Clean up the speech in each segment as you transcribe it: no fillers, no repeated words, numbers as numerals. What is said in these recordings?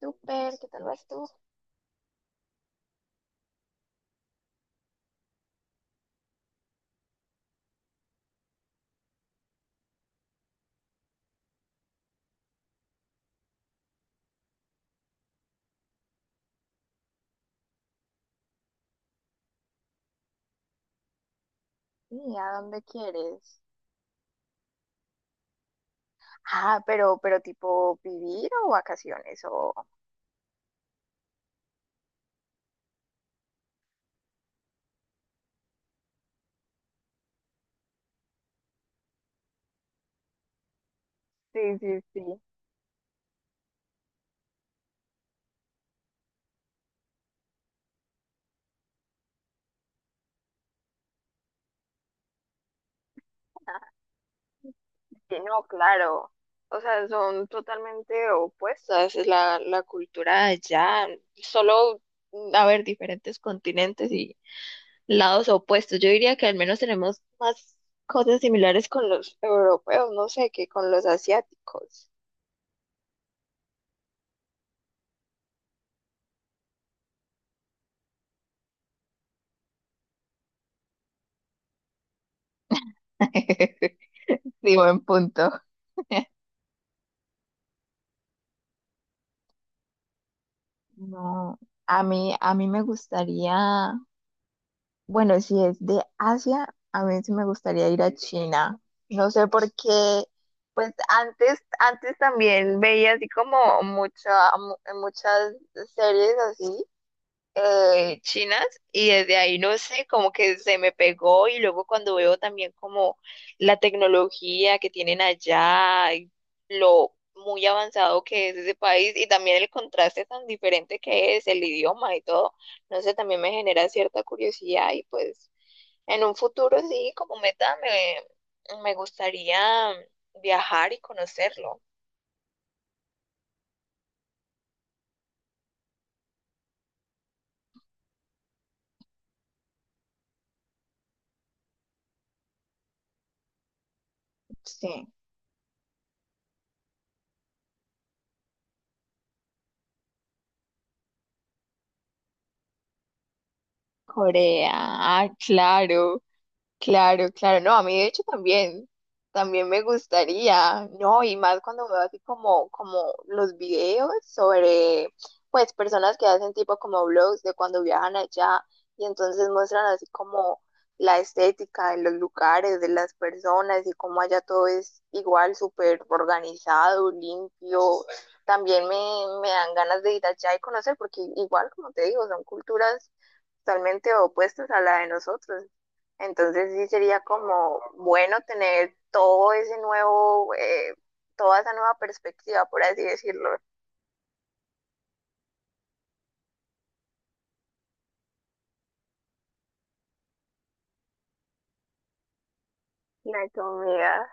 Súper, ¿qué tal vas tú? ¿Y a dónde quieres? Ah, pero tipo vivir o vacaciones o... Sí, sí, sí. Sí, no, claro. O sea, son totalmente opuestas. La cultura de allá, solo, a ver, diferentes continentes y lados opuestos. Yo diría que al menos tenemos más cosas similares con los europeos, no sé, que con los asiáticos. Sí, buen punto. No, a mí me gustaría, bueno, si es de Asia, a mí sí me gustaría ir a China. No sé por qué, pues antes también veía así como mucha, mu- muchas series así chinas y desde ahí no sé, como que se me pegó y luego cuando veo también como la tecnología que tienen allá, y lo muy avanzado que es ese país y también el contraste tan diferente que es el idioma y todo, no sé, también me genera cierta curiosidad y pues en un futuro sí, como meta me gustaría viajar y conocerlo. Sí. Corea, ah, claro. Claro, claro, no, a mí de hecho también, también me gustaría, no, y más cuando veo así como, como los videos sobre, pues, personas que hacen tipo como vlogs de cuando viajan allá y entonces muestran así como la estética de los lugares, de las personas y cómo allá todo es igual, súper organizado, limpio. También me, me dan ganas de ir allá y conocer porque igual, como te digo, son culturas totalmente opuestas a la de nosotros. Entonces sí sería como bueno tener todo ese nuevo, toda esa nueva perspectiva, por así decirlo. La comida.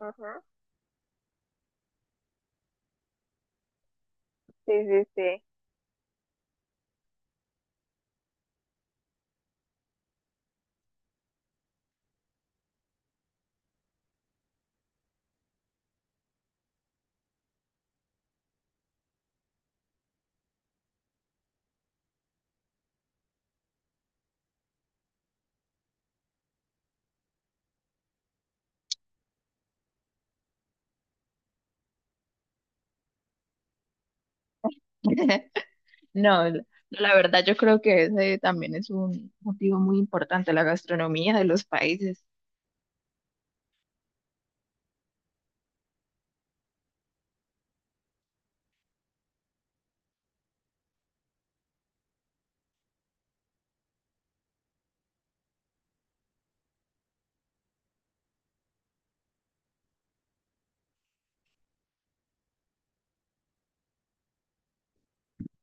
Ujú. Sí, sí, sí. No, la verdad yo creo que ese también es un motivo muy importante, la gastronomía de los países.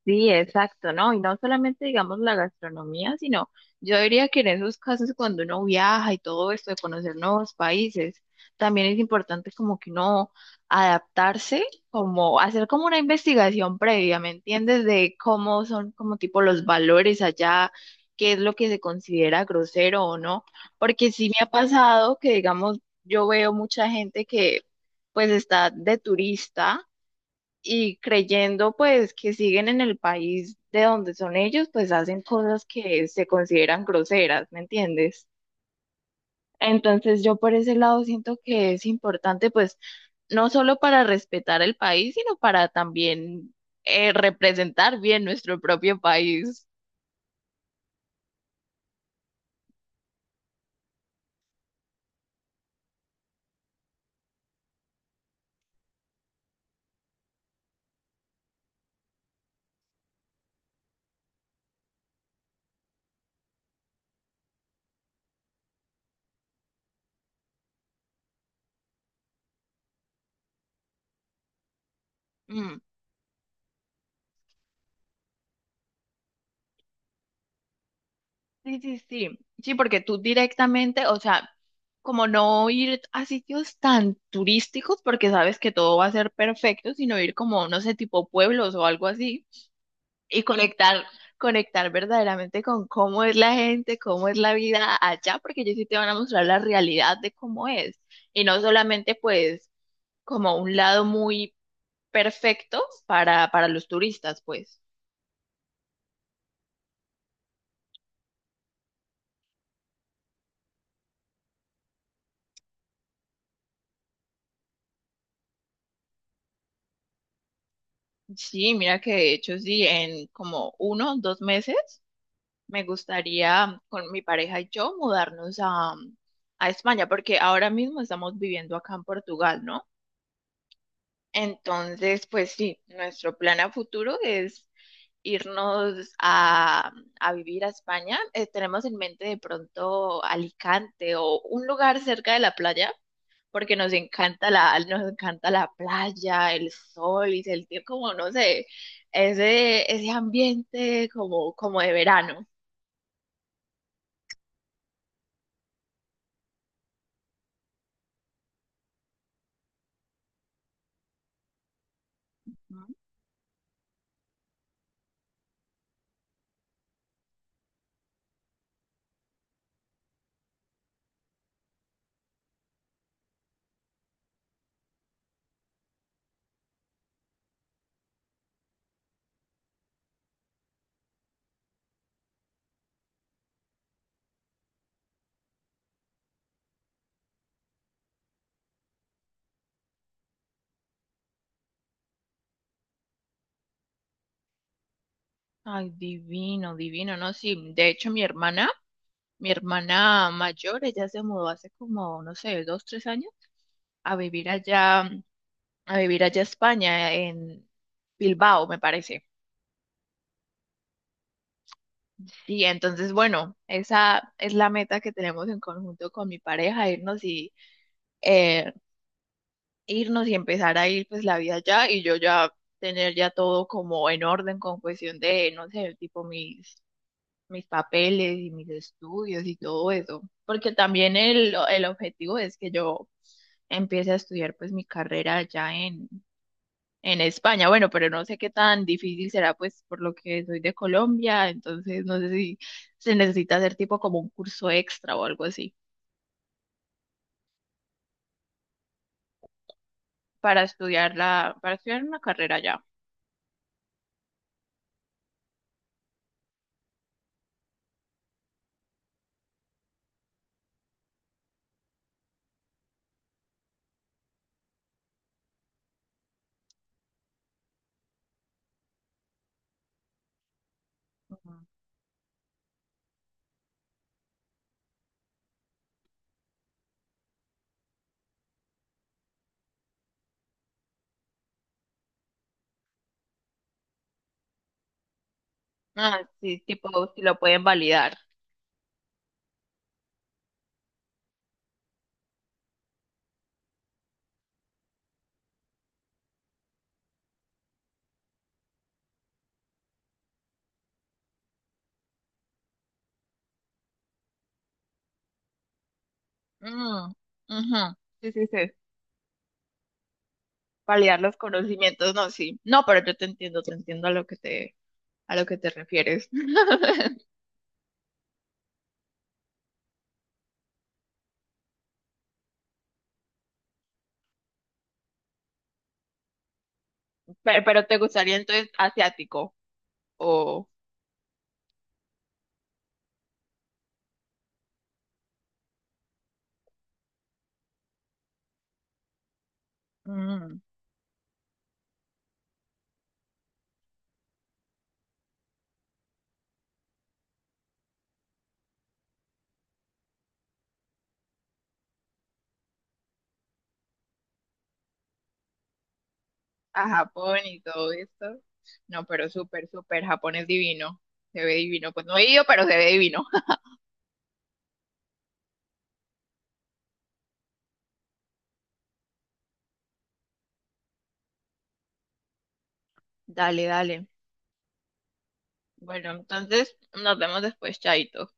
Sí, exacto, ¿no? Y no solamente, digamos, la gastronomía, sino yo diría que en esos casos cuando uno viaja y todo esto de conocer nuevos países, también es importante como que uno adaptarse, como hacer como una investigación previa, ¿me entiendes? De cómo son como tipo los valores allá, qué es lo que se considera grosero o no, porque sí me ha pasado que, digamos, yo veo mucha gente que pues está de turista y creyendo pues que siguen en el país de donde son ellos, pues hacen cosas que se consideran groseras, ¿me entiendes? Entonces yo por ese lado siento que es importante pues no solo para respetar el país, sino para también representar bien nuestro propio país. Mm. Sí, sí, sí, sí, porque tú directamente, o sea, como no ir a sitios tan turísticos porque sabes que todo va a ser perfecto, sino ir como, no sé, tipo pueblos o algo así y conectar verdaderamente con cómo es la gente, cómo es la vida allá, porque ellos sí te van a mostrar la realidad de cómo es. Y no solamente pues como un lado muy perfecto para los turistas, pues. Sí, mira que de hecho sí, en como uno, dos meses me gustaría con mi pareja y yo mudarnos a España, porque ahora mismo estamos viviendo acá en Portugal, ¿no? Entonces, pues sí, nuestro plan a futuro es irnos a vivir a España. Tenemos en mente de pronto Alicante o un lugar cerca de la playa, porque nos encanta nos encanta la playa, el sol y sentir como, no sé, ese ambiente como, como de verano. ¿No? Ay, divino, divino, ¿no? Sí, de hecho mi hermana mayor, ella se mudó hace como, no sé, dos, tres años a vivir allá a España, en Bilbao, me parece. Y entonces, bueno, esa es la meta que tenemos en conjunto con mi pareja, irnos y eh, empezar a ir pues la vida allá y yo ya tener ya todo como en orden con cuestión de, no sé, tipo mis papeles y mis estudios y todo eso, porque también el objetivo es que yo empiece a estudiar pues mi carrera allá en España. Bueno, pero no sé qué tan difícil será, pues por lo que soy de Colombia, entonces no sé si se necesita hacer tipo como un curso extra o algo así para para estudiar una carrera ya. Ujú. Ah, sí, tipo si lo pueden validar. Mm, ujú. Sí, sí, sí. Validar los conocimientos, no, sí. No, pero yo te entiendo a lo que te refieres. Pero, ¿te gustaría entonces asiático o? Mm. A Japón y todo esto. No, pero súper, súper, Japón es divino. Se ve divino. Pues no he ido, pero se ve divino. Dale, dale. Bueno, entonces nos vemos después, Chaito.